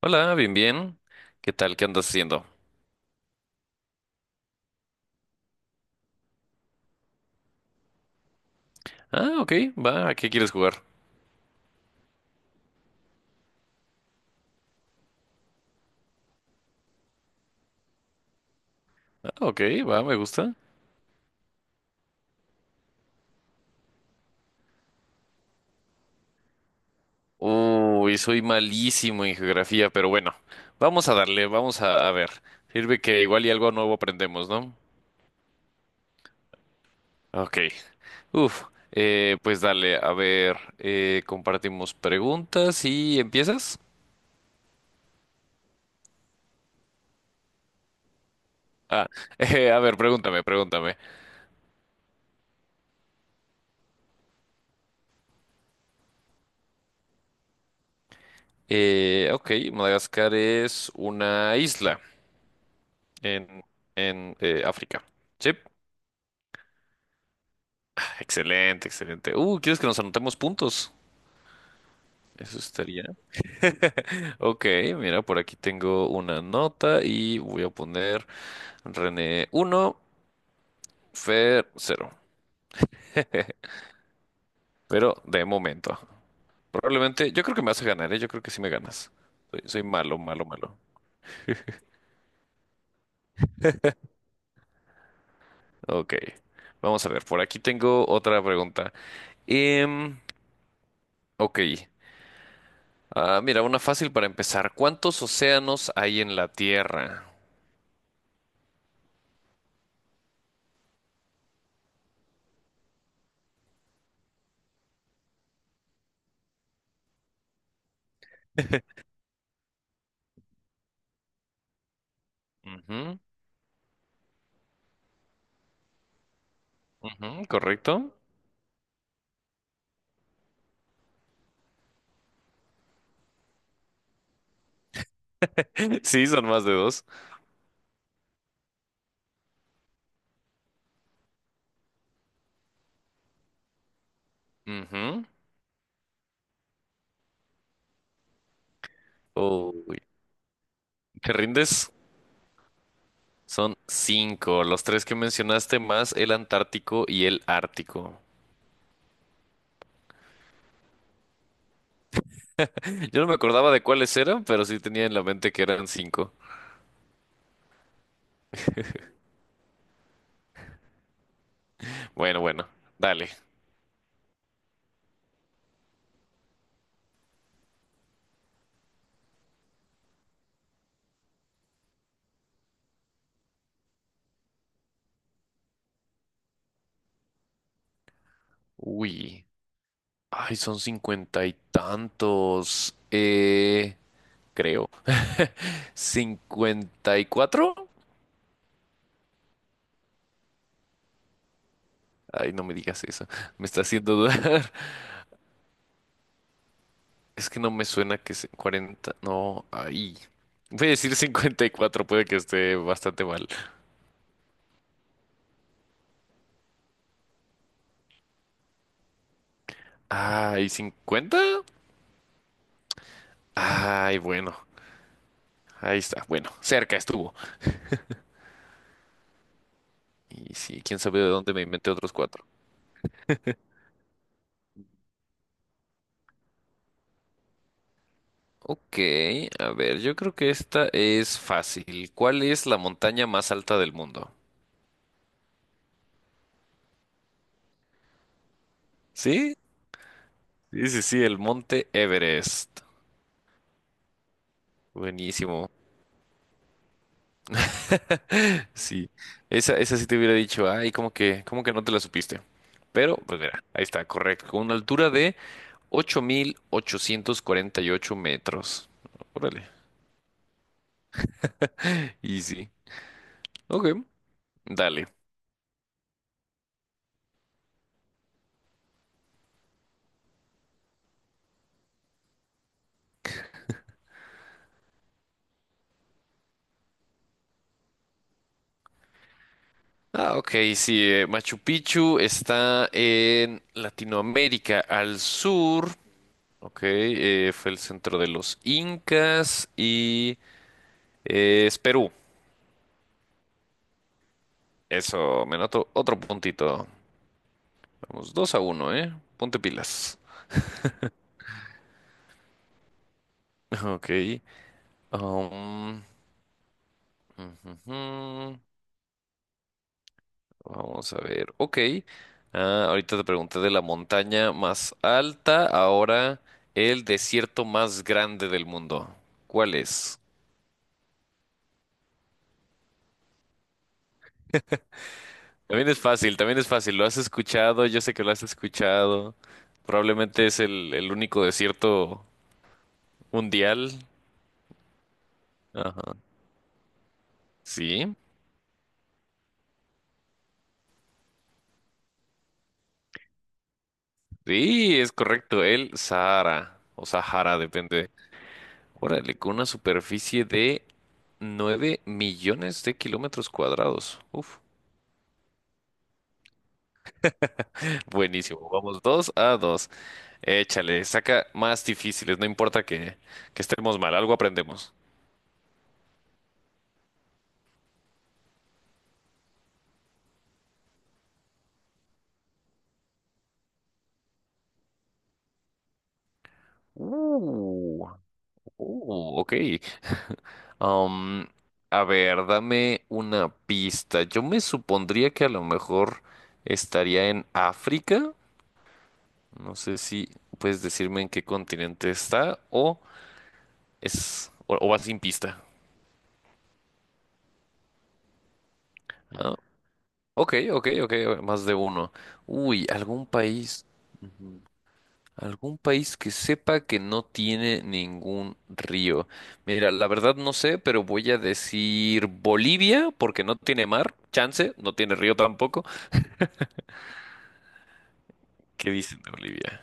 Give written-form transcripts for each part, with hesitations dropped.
Hola, bien, bien. ¿Qué tal? ¿Qué andas haciendo? Ah, ok, va, ¿a qué quieres jugar? Ah, ok, va, me gusta. Uy, soy malísimo en geografía, pero bueno, vamos a darle, vamos a ver. Sirve que igual y algo nuevo aprendemos, ¿no? Ok. Uf, pues dale, a ver, compartimos preguntas y empiezas. Ah, a ver, pregúntame, pregúntame. Ok, Madagascar es una isla en, África. ¿Sí? Excelente, excelente. ¿Quieres que nos anotemos puntos? Eso estaría. Ok, mira, por aquí tengo una nota y voy a poner René uno, Fer cero. Pero de momento. Probablemente, yo creo que me vas a ganar, ¿eh? Yo creo que sí me ganas. Soy malo, malo, malo. Ok, vamos a ver, por aquí tengo otra pregunta. Em, ok, ah, mira, una fácil para empezar. ¿Cuántos océanos hay en la Tierra? Ujú, ujú, ¿correcto? Sí, son más de dos. Ujú. Uy, ¿te rindes? Son cinco, los tres que mencionaste más el Antártico y el Ártico. Yo no me acordaba de cuáles eran, pero sí tenía en la mente que eran cinco. Bueno, bueno, dale. Uy, ay, son cincuenta y tantos. Creo. ¿54? Ay, no me digas eso. Me está haciendo dudar. Es que no me suena que 40. No, ahí. Voy a decir 54, puede que esté bastante mal. Ay, ¿50? Ay, bueno. Ahí está. Bueno, cerca estuvo. Y sí, quién sabe de dónde me inventé otros cuatro. Ok, a ver, yo creo que esta es fácil. ¿Cuál es la montaña más alta del mundo? ¿Sí? Sí, sí, sí, el Monte Everest. Buenísimo. Sí, esa sí te hubiera dicho, ay, como que no te la supiste. Pero, pues mira, ahí está, correcto, con una altura de 8.848 metros. Órale. Y sí, ok, dale. Ah, ok, sí, Machu Picchu está en Latinoamérica al sur. Ok, fue el centro de los incas y es Perú. Eso, me noto otro puntito. Vamos, 2-1, ¿eh? Ponte pilas. Ok. Um, ujujú, vamos a ver. Ok. Ah, ahorita te pregunté de la montaña más alta. Ahora el desierto más grande del mundo. ¿Cuál es? También es fácil, también es fácil. Lo has escuchado, yo sé que lo has escuchado. Probablemente es el único desierto mundial. Ajá. Sí. Sí, es correcto. El Sahara o Sahara, depende. Órale, con una superficie de 9 millones de kilómetros cuadrados. Uf, buenísimo. Vamos 2-2. Échale, saca más difíciles, no importa que estemos mal, algo aprendemos. Uh, ok. Am, a ver, dame una pista. Yo me supondría que a lo mejor estaría en África. No sé si puedes decirme en qué continente está o es o va sin pista. ¿No? Ok, ok, ok, más de uno. Uy, algún país que sepa que no tiene ningún río. Mira, la verdad no sé, pero voy a decir Bolivia, porque no tiene mar, chance, no tiene río tampoco. ¿Qué dicen de Bolivia?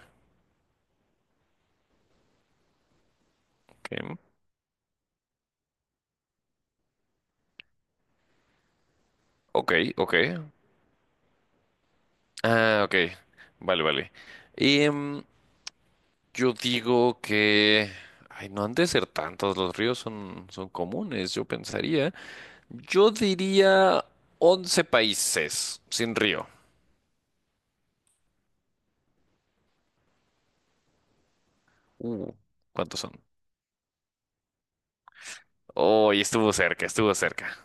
Ok, ok. Ok. Ah, ok. Vale, vale. Em, yo digo que... Ay, no han de ser tantos, los ríos son comunes, yo pensaría. Yo diría 11 países sin río. Uh, ¿Cuántos son? Oh, y estuvo cerca, estuvo cerca.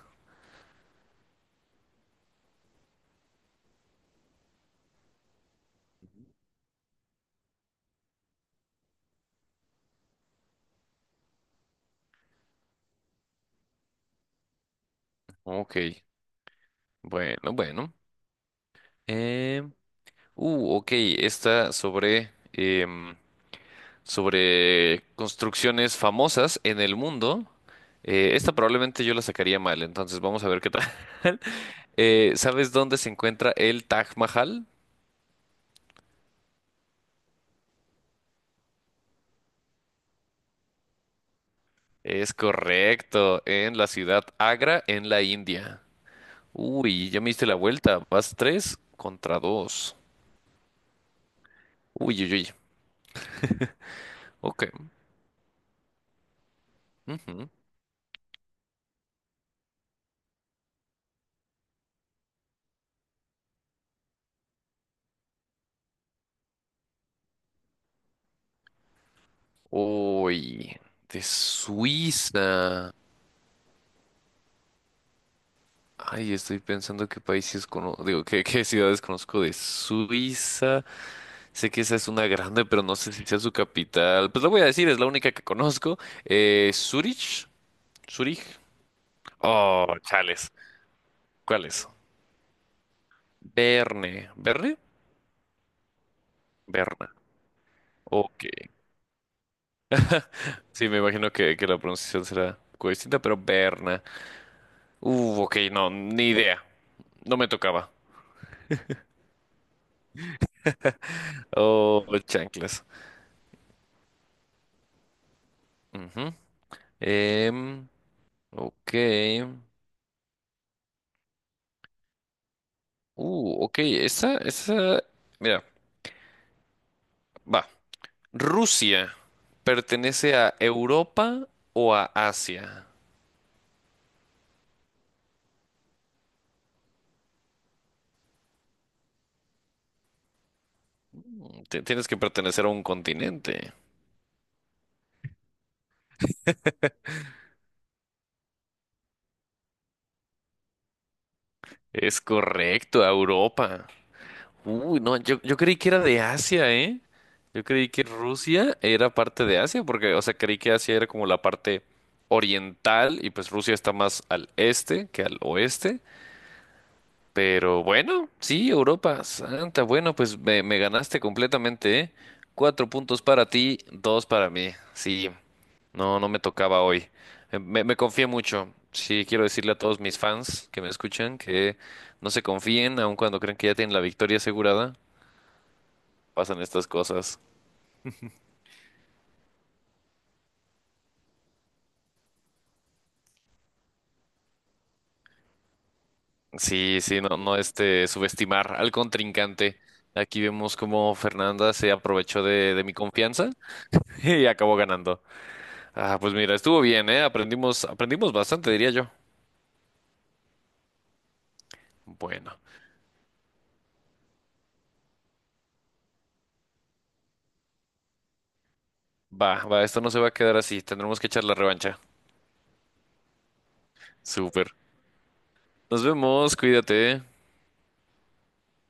Ok, bueno, bueno. Em, ok, esta sobre construcciones famosas en el mundo. Esta probablemente yo la sacaría mal, entonces vamos a ver qué tal. ¿Sabes dónde se encuentra el Taj Mahal? Es correcto, en la ciudad Agra, en la India. Uy, ya me diste la vuelta. Vas 3-2. Uy, uy, uy. Ok. Ujú. Uy, de Suiza. Ay, estoy pensando qué países conozco. Digo, qué ciudades conozco de Suiza. Sé que esa es una grande, pero no sé si sea su capital. Pues lo voy a decir, es la única que conozco. Zurich. Zurich. Oh, chales. ¿Cuál es? Berne. ¿Berne? Berna. Ok. Sí, me imagino que la pronunciación será un poco distinta, pero Berna. Ok, no, ni idea. No me tocaba. Oh, chanclas. Ujú. Em, ok. Ok, esa, esa. Mira, va. ¿Rusia pertenece a Europa o a Asia? Tienes que pertenecer a un continente. Es correcto, a Europa. Uy, no, yo creí que era de Asia, ¿eh? Yo creí que Rusia era parte de Asia, porque, o sea, creí que Asia era como la parte oriental y pues Rusia está más al este que al oeste. Pero bueno, sí, Europa, santa, bueno, pues me ganaste completamente, ¿eh? 4 puntos para ti, dos para mí. Sí, no, no me tocaba hoy. Me confié mucho. Sí, quiero decirle a todos mis fans que me escuchan que no se confíen, aun cuando creen que ya tienen la victoria asegurada pasan estas cosas. Sí, sí, no, no este, subestimar al contrincante. Aquí vemos cómo Fernanda se aprovechó de mi confianza y acabó ganando. Ah, pues mira, estuvo bien, ¿eh? Aprendimos bastante, diría yo. Bueno, va, va, esto no se va a quedar así. Tendremos que echar la revancha. Súper. Nos vemos, cuídate.